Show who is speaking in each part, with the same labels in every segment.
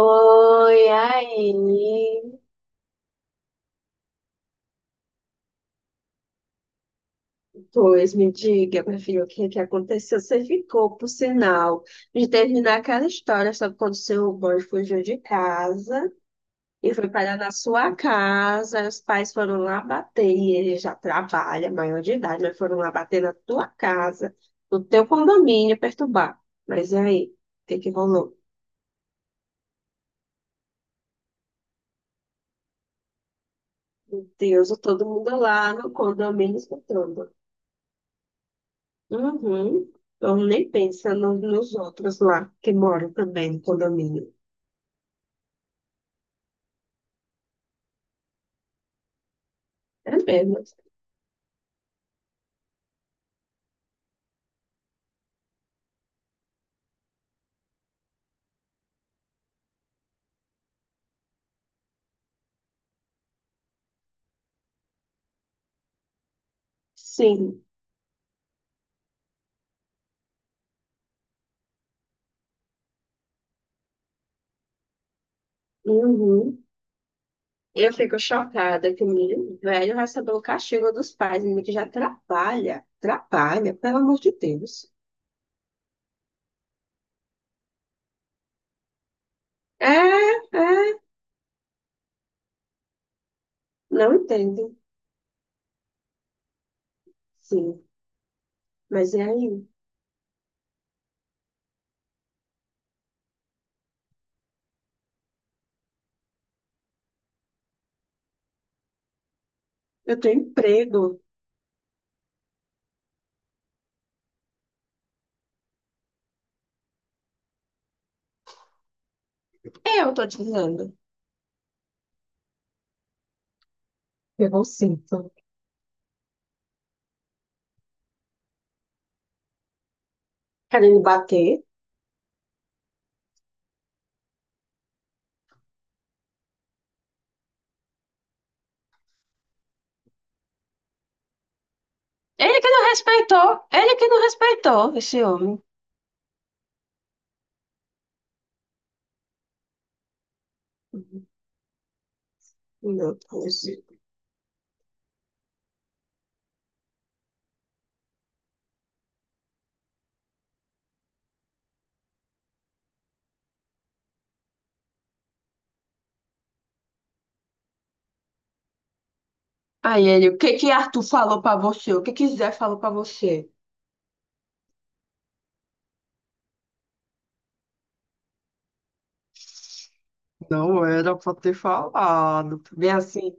Speaker 1: Oi, aí. Pois me diga, meu filho, o que é que aconteceu? Você ficou, por sinal, de terminar aquela história sobre quando seu boy fugiu de casa e foi parar na sua casa. Aí os pais foram lá bater, e ele já trabalha, maior de idade, mas foram lá bater na tua casa, no teu condomínio, perturbar. Mas e aí? O que é que rolou? Meu Deus, todo mundo lá no condomínio escutando. Uhum. Então, nem pensa nos outros lá que moram também no condomínio. É mesmo. Sim. Uhum. Eu fico chocada que o menino velho recebeu o castigo dos pais, menino que já trabalha, trabalha, pelo amor de Deus. É, é, não entendo. Sim, mas e aí? Eu tenho emprego. Eu tô dizendo. Pegou o cinto. Querendo bater? Ele que não respeitou, ele que não respeitou esse homem. Meu Deus. Aí ele, o que que Arthur falou pra você? O que que Zé falou pra você? Não era pra ter falado. Bem assim.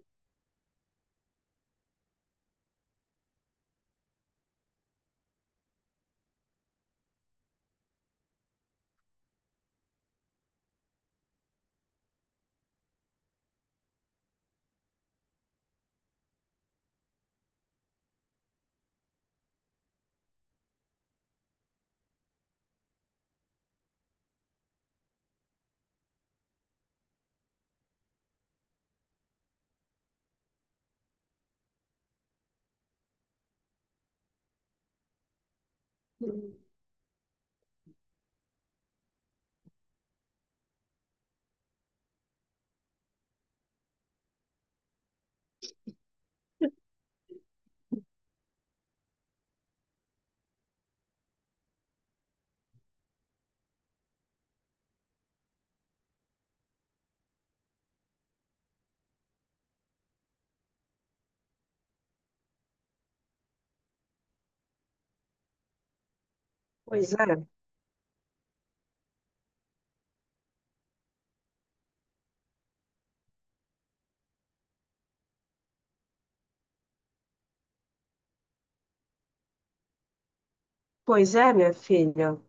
Speaker 1: Pois é, pois é, minha filha.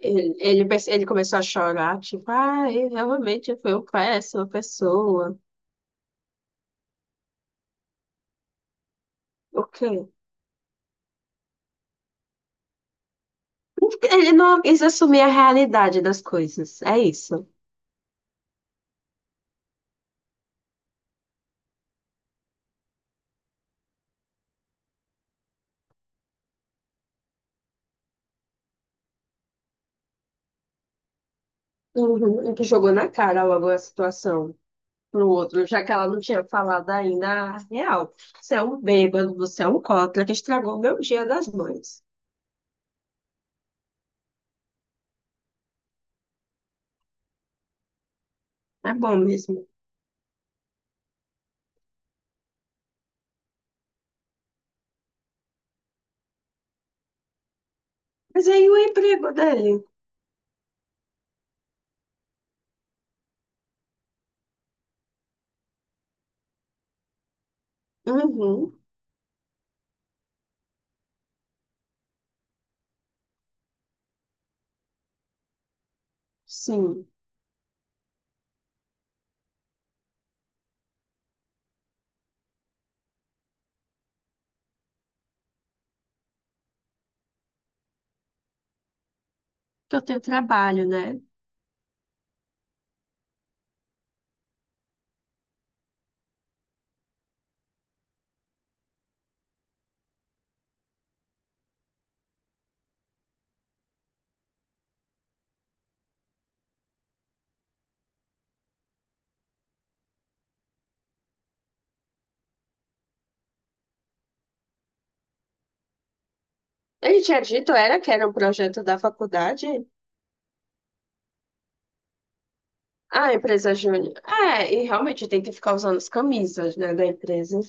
Speaker 1: Ele começou a chorar, tipo, ah, ele realmente foi uma péssima pessoa. O quê? Ele não quis assumir a realidade das coisas, é isso. Uhum, ele que jogou na cara logo a situação. No outro, já que ela não tinha falado ainda a real. Você é um bêbado, você é um cópia que estragou meu dia das mães. É bom mesmo. Mas aí o emprego dele? Uhum, sim. Que eu tenho trabalho, né? Ele tinha dito, era que era um projeto da faculdade? Ah, empresa júnior. É, e realmente tem que ficar usando as camisas, né, da empresa.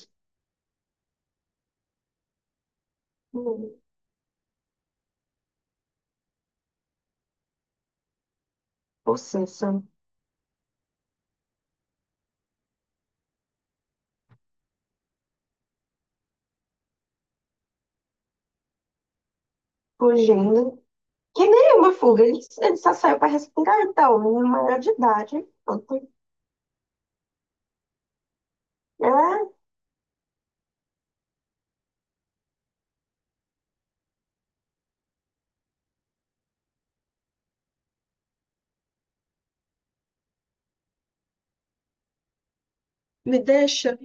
Speaker 1: Hum, possessa, fugindo. Que nenhuma fuga, ele só saiu para respirar, então, menino maior de idade. Pronto. É, me deixa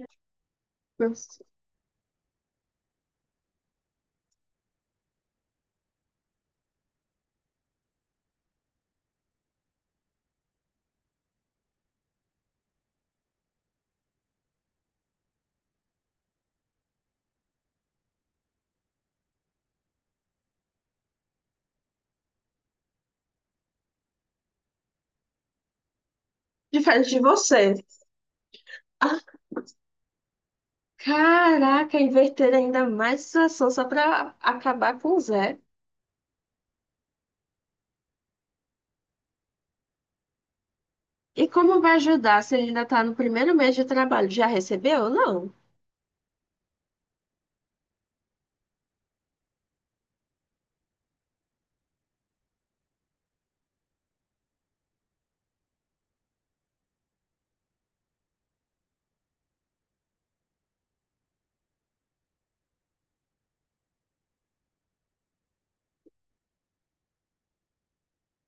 Speaker 1: diferente de você. Ah, caraca, inverter ainda mais a situação só para acabar com o Zé. E como vai ajudar se ele ainda está no primeiro mês de trabalho? Já recebeu ou não?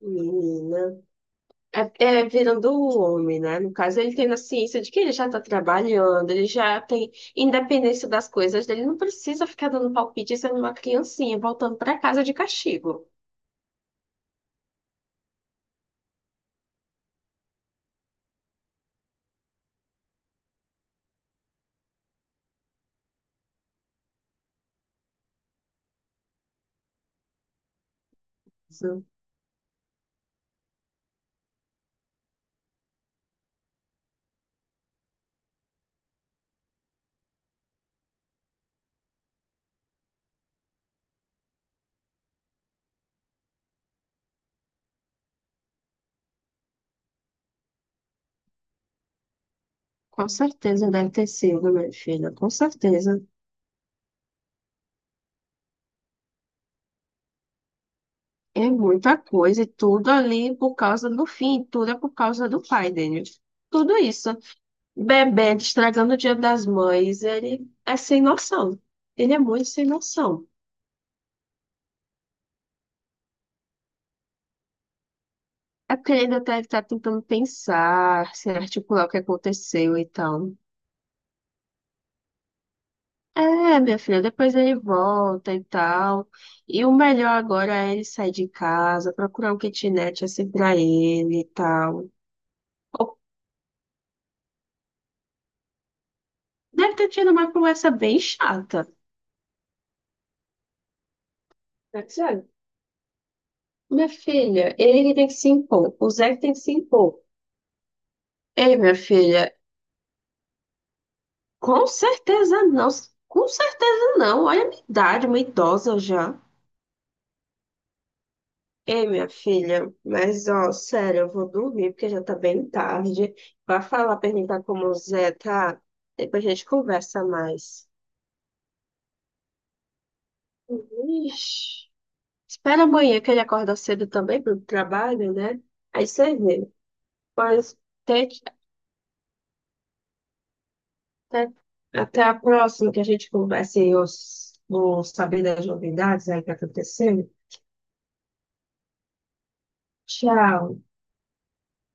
Speaker 1: Menina. É, é virando o homem, né? No caso, ele tem a ciência de que ele já está trabalhando, ele já tem independência das coisas dele, não precisa ficar dando palpite sendo uma criancinha, voltando para casa de castigo. Sim. Com certeza deve ter sido, minha filha, com certeza. É muita coisa, e tudo ali por causa do fim, tudo é por causa do pai dele. Tudo isso. Bebê estragando o Dia das Mães, ele é sem noção. Ele é muito sem noção. É porque ele ainda tá, ele tá tentando pensar, se articular o que aconteceu e tal. É, minha filha, depois ele volta e tal. E o melhor agora é ele sair de casa, procurar um kitnet assim pra ele e tal. Ou- deve ter tido uma conversa bem chata. Minha filha, ele que tem que se impor. O Zé que tem que se impor. Ei, minha filha, com certeza não. Com certeza não. Olha a minha idade, uma idosa já. Ei, minha filha, mas ó, sério, eu vou dormir porque já tá bem tarde. Vai falar, perguntar como o Zé tá. Depois a gente conversa mais. Ixi. Espera amanhã que ele acorda cedo também pro trabalho, né? Aí você vê. Pois, tente até, até a próxima que a gente converse e eu vou saber das novidades aí que aconteceu. Tchau.